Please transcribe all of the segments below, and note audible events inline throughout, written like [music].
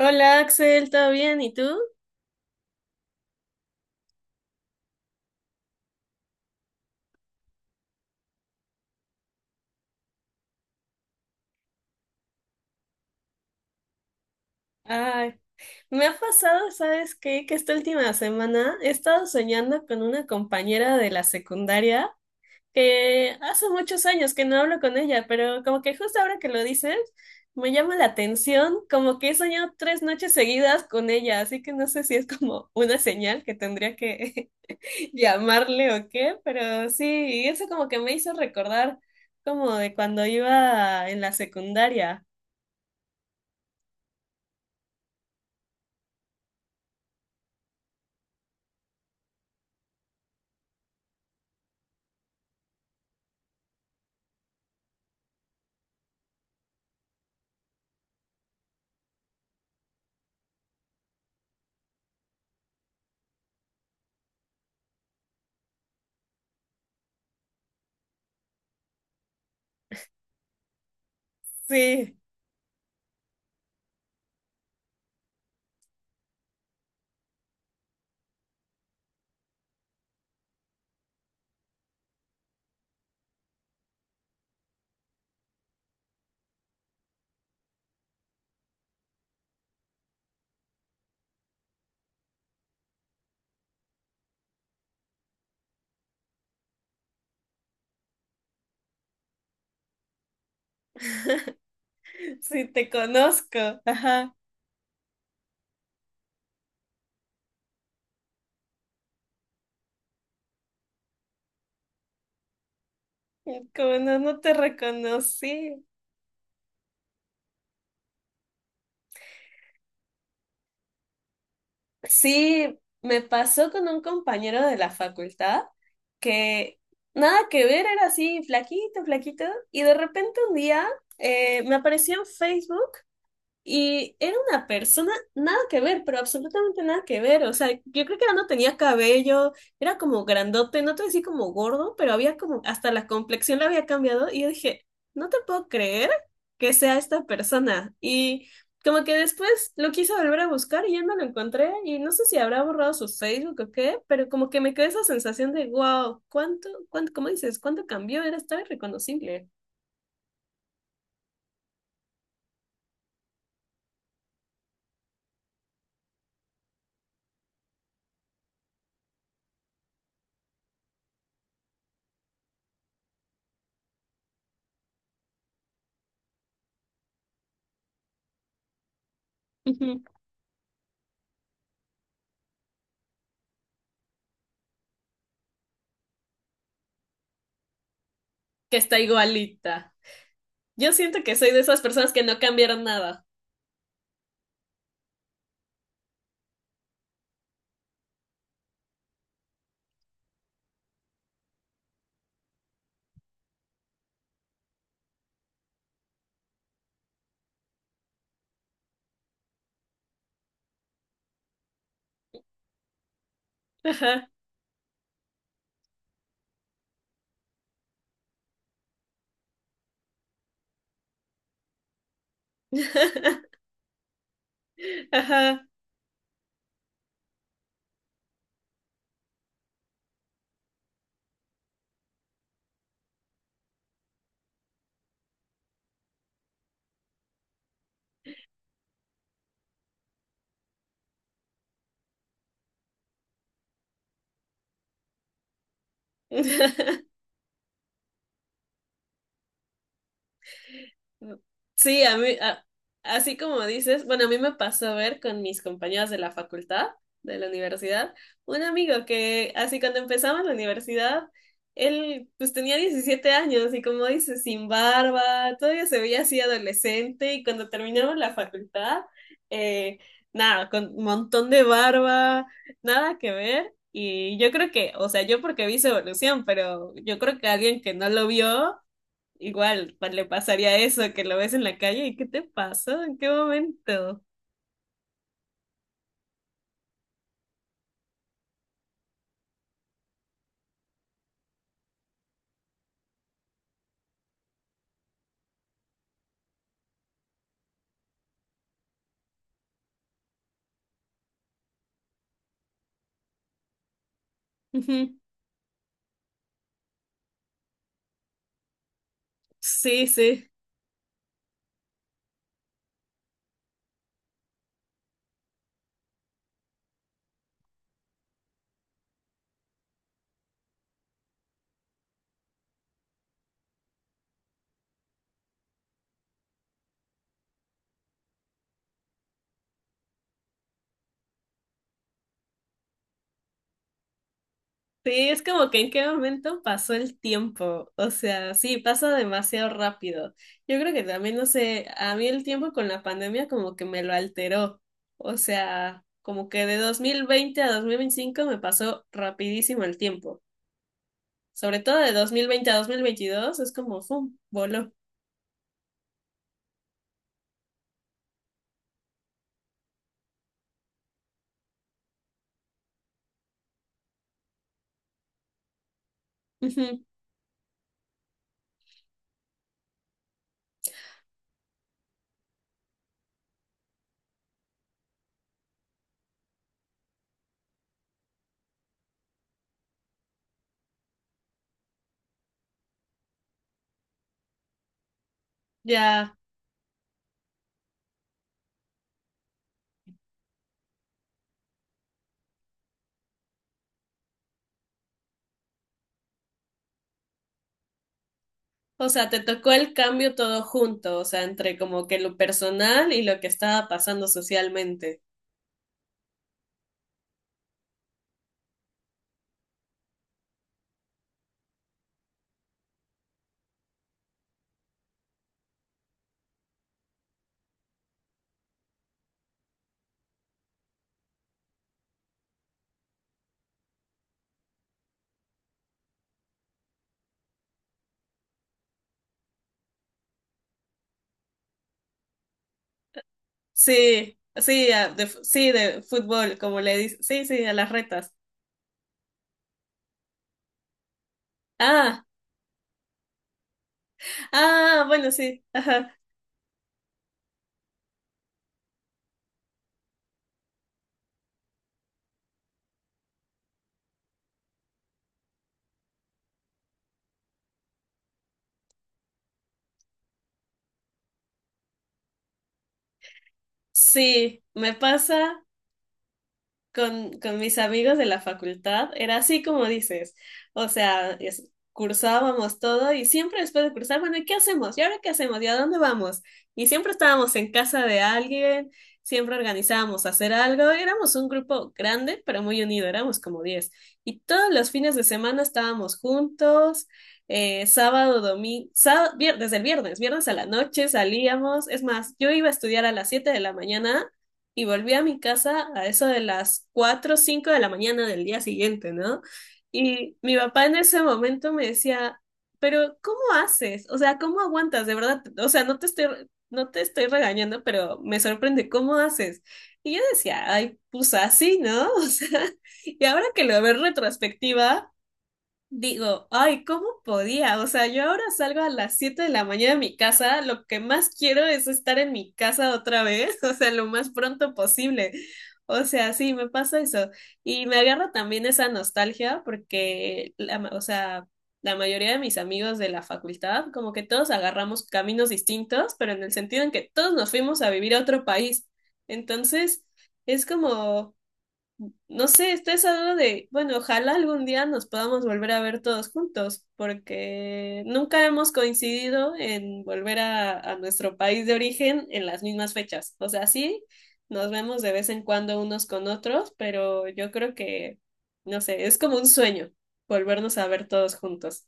Hola Axel, ¿todo bien? ¿Y tú? Ay, me ha pasado, ¿sabes qué? Que esta última semana he estado soñando con una compañera de la secundaria que hace muchos años que no hablo con ella, pero como que justo ahora que lo dices, me llama la atención, como que he soñado tres noches seguidas con ella, así que no sé si es como una señal que tendría que [laughs] llamarle o qué, pero sí, y eso como que me hizo recordar como de cuando iba en la secundaria. Sí. [laughs] Sí, te conozco. Ajá. Como no, no te reconocí. Sí, me pasó con un compañero de la facultad que nada que ver, era así, flaquito, flaquito, y de repente un día me apareció en Facebook. Y era una persona nada que ver, pero absolutamente nada que ver. O sea, yo creo que ya no tenía cabello, era como grandote, no te voy a decir como gordo, pero había como, hasta la complexión la había cambiado. Y yo dije, no te puedo creer que sea esta persona. Y como que después lo quise volver a buscar y ya no lo encontré. Y no sé si habrá borrado su Facebook o qué, pero como que me quedó esa sensación de, wow, ¿cuánto, cómo dices, cuánto cambió? Era, estaba irreconocible. Ujú. Que está igualita. Yo siento que soy de esas personas que no cambiaron nada. Ajá. [laughs] Ajá. [laughs] Sí, a mí, así como dices, bueno, a mí me pasó a ver con mis compañeras de la facultad, de la universidad, un amigo que así cuando empezaba la universidad, él pues tenía 17 años y como dices, sin barba, todavía se veía así adolescente y cuando terminamos la facultad, eh, nada, con un montón de barba, nada que ver. Y yo creo que, o sea, yo porque vi su evolución, pero yo creo que alguien que no lo vio igual le pasaría eso, que lo ves en la calle y ¿qué te pasó? ¿En qué momento? Ujú. Sí, sí. Sí, es como que en qué momento pasó el tiempo. O sea, sí, pasa demasiado rápido. Yo creo que también, no sé, a mí el tiempo con la pandemia como que me lo alteró. O sea, como que de 2020 a 2025 me pasó rapidísimo el tiempo. Sobre todo de 2020 a 2022 es como, ¡fum! Voló. Ujú. Ya. O sea, te tocó el cambio todo junto, o sea, entre como que lo personal y lo que estaba pasando socialmente. Sí, sí, sí, de fútbol, como le dice. Sí, sí, a las retas. Ah, ah, bueno, sí, ajá. Sí, me pasa. Con mis amigos de la facultad era así como dices, o sea, cursábamos todo y siempre después de cursar, bueno, ¿y qué hacemos? ¿Y ahora qué hacemos? ¿Y a dónde vamos? Y siempre estábamos en casa de alguien, siempre organizábamos hacer algo, éramos un grupo grande, pero muy unido, éramos como 10. Y todos los fines de semana estábamos juntos, sábado, domingo, desde el viernes, viernes a la noche salíamos, es más, yo iba a estudiar a las 7 de la mañana y volví a mi casa a eso de las 4 o 5 de la mañana del día siguiente, ¿no? Y mi papá en ese momento me decía, pero ¿cómo haces? O sea, ¿cómo aguantas? De verdad, o sea, no te estoy regañando, pero me sorprende, ¿cómo haces? Y yo decía, ay, pues así, ¿no? [laughs] O sea, y ahora que lo veo en retrospectiva, digo, ay, ¿cómo podía? O sea, yo ahora salgo a las 7 de la mañana de mi casa, lo que más quiero es estar en mi casa otra vez, [laughs] o sea, lo más pronto posible. O sea, sí, me pasa eso. Y me agarra también esa nostalgia porque, o sea, la mayoría de mis amigos de la facultad, como que todos agarramos caminos distintos, pero en el sentido en que todos nos fuimos a vivir a otro país. Entonces, es como, no sé, estoy hablando de, bueno, ojalá algún día nos podamos volver a ver todos juntos, porque nunca hemos coincidido en volver a nuestro país de origen en las mismas fechas. O sea, sí, nos vemos de vez en cuando unos con otros, pero yo creo que, no sé, es como un sueño volvernos a ver todos juntos.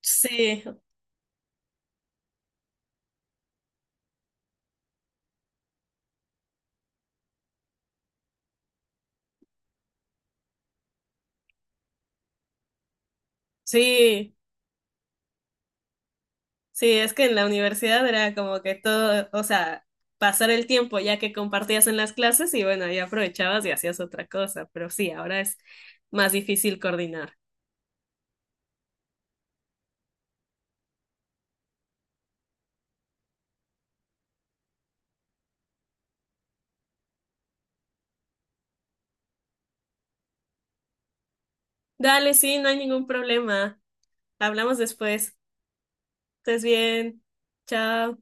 Sí, sí. Sí, es que en la universidad era como que todo, o sea, pasar el tiempo ya que compartías en las clases y bueno, ahí aprovechabas y hacías otra cosa, pero sí, ahora es más difícil coordinar. Dale, sí, no hay ningún problema. Hablamos después. Estés bien. Chao.